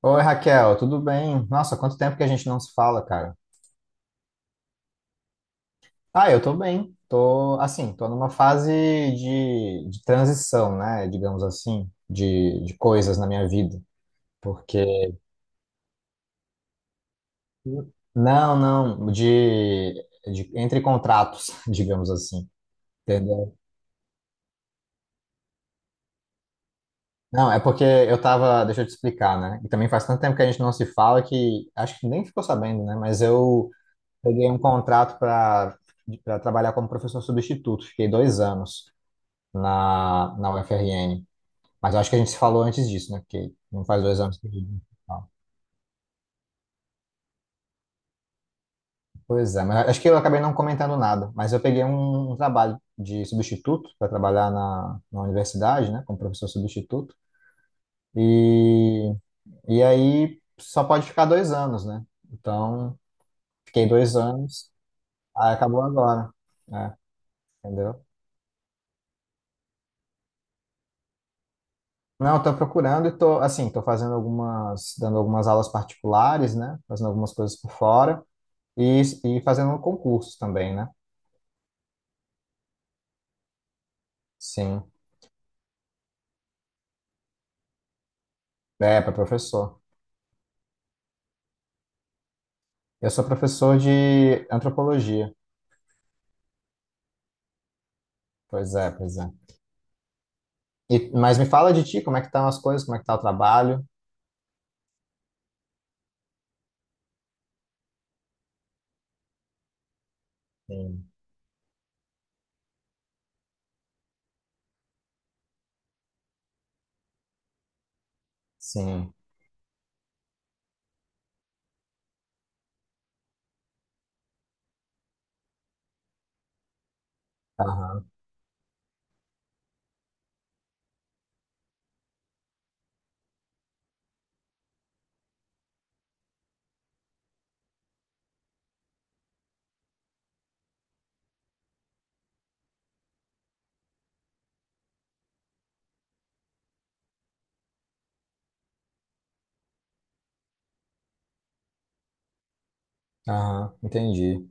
Oi, Raquel, tudo bem? Nossa, quanto tempo que a gente não se fala, cara. Ah, eu tô bem. Tô, assim, tô numa fase de transição, né? Digamos assim, de coisas na minha vida. Porque. Não, não, de entre contratos, digamos assim. Entendeu? Não, é porque eu tava. Deixa eu te explicar, né? E também faz tanto tempo que a gente não se fala que acho que nem ficou sabendo, né? Mas eu peguei um contrato para trabalhar como professor substituto. Fiquei 2 anos na UFRN. Mas eu acho que a gente se falou antes disso, né? Porque não faz 2 anos que. Não. Pois é, mas acho que eu acabei não comentando nada. Mas eu peguei um trabalho de substituto para trabalhar na universidade, né? Como professor substituto. E, e aí só pode ficar 2 anos, né? Então, fiquei 2 anos, aí acabou agora. É, entendeu? Não, estou procurando e tô, assim, tô fazendo algumas, dando algumas aulas particulares, né? Fazendo algumas coisas por fora. E, e fazendo concurso também, né? Sim. É, para professor. Eu sou professor de antropologia. Pois é, pois é. Mas me fala de ti, como é que estão as coisas, como é que tá o trabalho? Sim, sim. Aham, aham, entendi.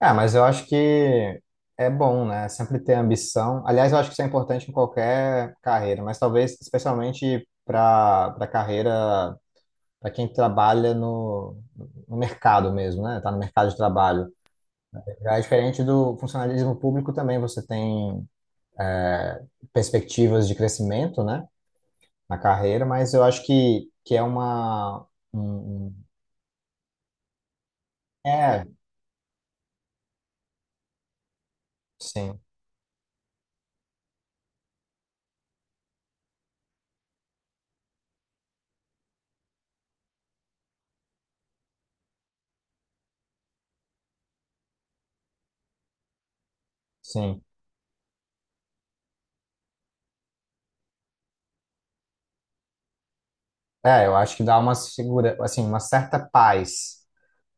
Ah, mas eu acho que é bom, né? Sempre ter ambição. Aliás, eu acho que isso é importante em qualquer carreira, mas talvez especialmente para carreira, para quem trabalha no mercado mesmo, né? Tá no mercado de trabalho. Já é diferente do funcionalismo público também, você tem é, perspectivas de crescimento, né, na carreira, mas eu acho que, é uma. um- um- é, sim, sim. É, eu acho que dá uma segura, assim, uma certa paz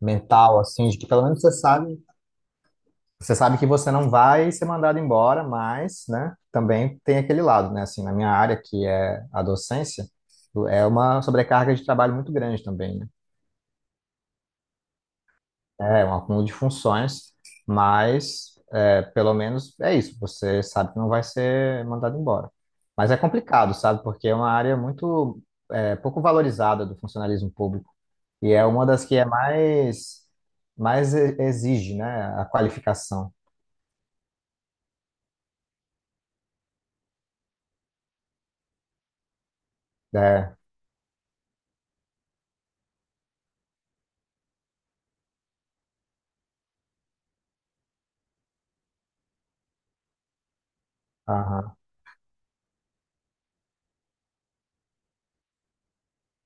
mental, assim, de que pelo menos você sabe que você não vai ser mandado embora, mas, né, também tem aquele lado, né, assim, na minha área, que é a docência, é uma sobrecarga de trabalho muito grande também, né? É um acúmulo de funções, mas pelo menos é isso. Você sabe que não vai ser mandado embora. Mas é complicado, sabe? Porque é uma área muito pouco valorizada do funcionalismo público e é uma das que é mais exige, né? A qualificação. É, aham,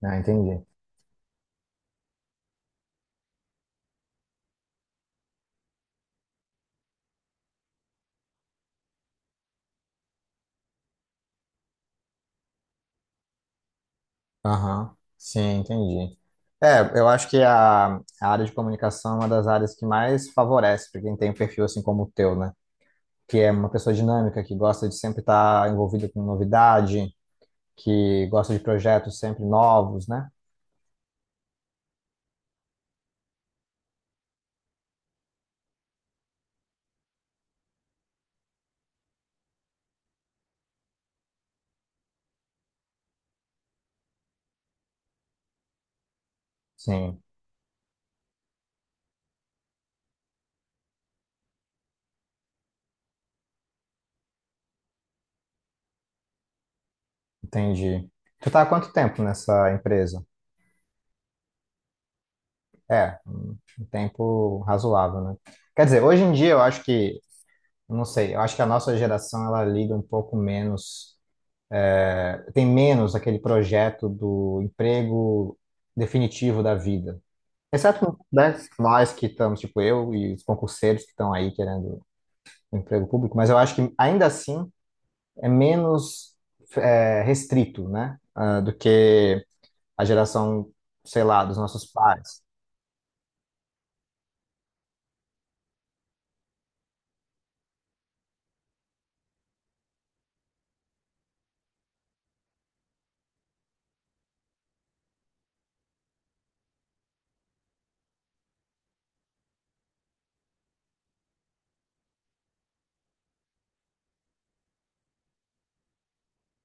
é, entendi. Aham, sim, entendi. É, eu acho que a área de comunicação é uma das áreas que mais favorece para quem tem um perfil assim como o teu, né? Que é uma pessoa dinâmica, que gosta de sempre estar envolvida com novidade, que gosta de projetos sempre novos, né? Sim, entendi. Tu tá há quanto tempo nessa empresa? É, um tempo razoável, né? Quer dizer, hoje em dia eu acho que, não sei, eu acho que a nossa geração ela liga um pouco menos, tem menos aquele projeto do emprego definitivo da vida. Exceto, né, nós que estamos, tipo eu e os concurseiros que estão aí querendo o emprego público, mas eu acho que ainda assim é menos restrito, né? Do que a geração, sei lá, dos nossos pais.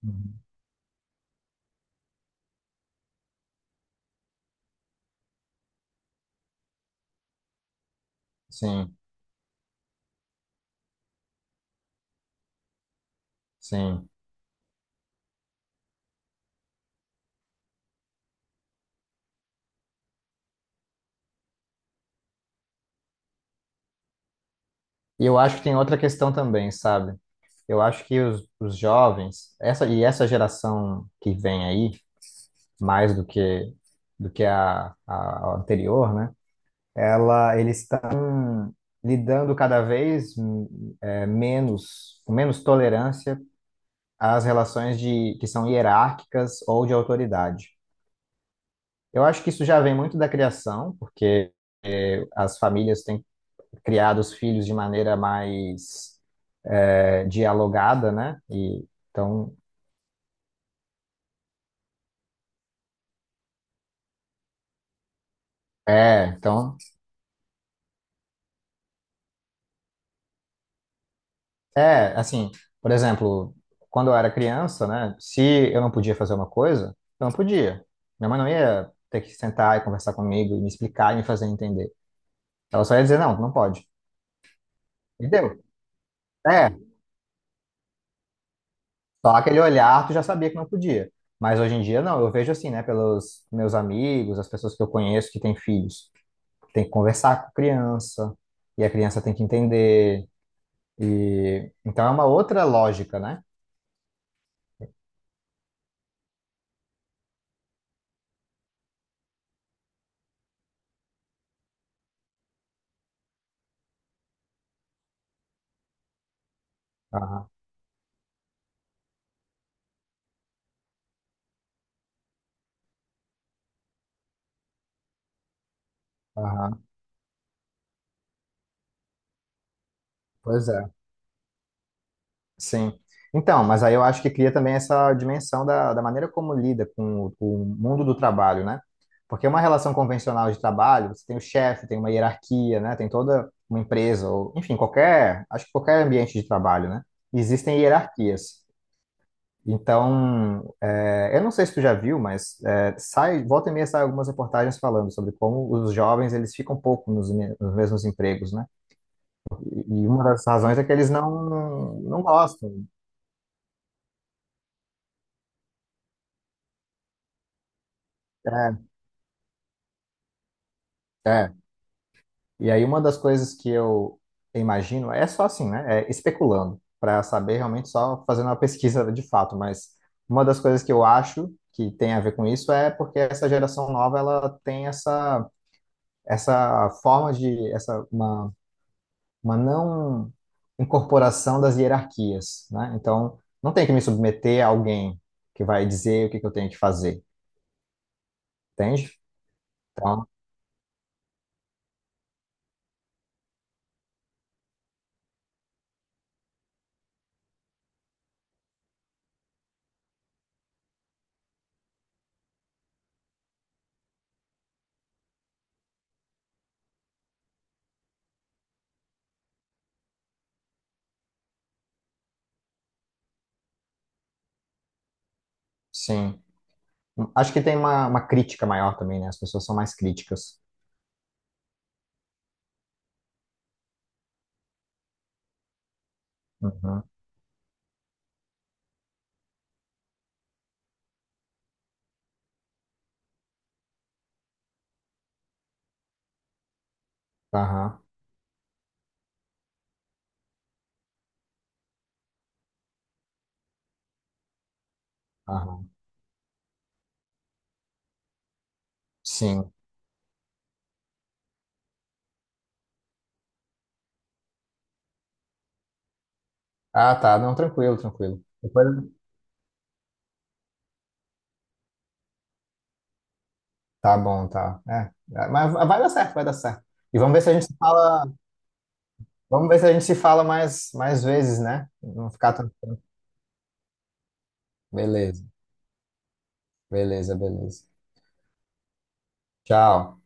Uhum. Sim, sim. E eu acho que tem outra questão também, sabe? Eu acho que os jovens, essa geração que vem aí, mais do que a anterior, né? Eles estão lidando cada vez menos, com menos tolerância às relações que são hierárquicas ou de autoridade. Eu acho que isso já vem muito da criação, porque as famílias têm criado os filhos de maneira mais dialogada, né? É, então, assim, por exemplo, quando eu era criança, né? Se eu não podia fazer uma coisa, eu não podia. Minha mãe não ia ter que sentar e conversar comigo, e me explicar e me fazer entender. Ela só ia dizer, não, não pode. Entendeu? É, só aquele olhar, tu já sabia que não podia. Mas hoje em dia, não. Eu vejo assim, né? Pelos meus amigos, as pessoas que eu conheço que têm filhos. Tem que conversar com a criança. E a criança tem que entender. Então é uma outra lógica, né? Aham, aham. Pois é. Sim. Então, mas aí eu acho que cria também essa dimensão da maneira como lida com o mundo do trabalho, né? Porque uma relação convencional de trabalho, você tem o chefe, tem uma hierarquia, né? Tem toda uma empresa, ou, enfim, qualquer, acho que qualquer ambiente de trabalho, né? Existem hierarquias. Então, eu não sei se tu já viu, mas volta e meia sai algumas reportagens falando sobre como os jovens eles ficam um pouco nos mesmos empregos, né? E uma das razões é que eles não, não gostam. É, é. E aí uma das coisas que eu imagino é só assim, né? É especulando, para saber realmente só fazendo uma pesquisa de fato, mas uma das coisas que eu acho que tem a ver com isso é porque essa geração nova ela tem essa essa forma de essa uma não incorporação das hierarquias, né? Então, não tem que me submeter a alguém que vai dizer o que que eu tenho que fazer, entende? Então, sim. Acho que tem uma crítica maior também, né? As pessoas são mais críticas. Uhum. Aham, aham. Sim. Ah, tá. Não, tranquilo, tranquilo. Depois. Tá bom, tá. É. Mas vai dar certo, vai dar certo. E vamos ver se a gente se fala. Vamos ver se a gente se fala mais, mais vezes, né? Não ficar tanto tempo. Beleza, beleza, beleza. Tchau.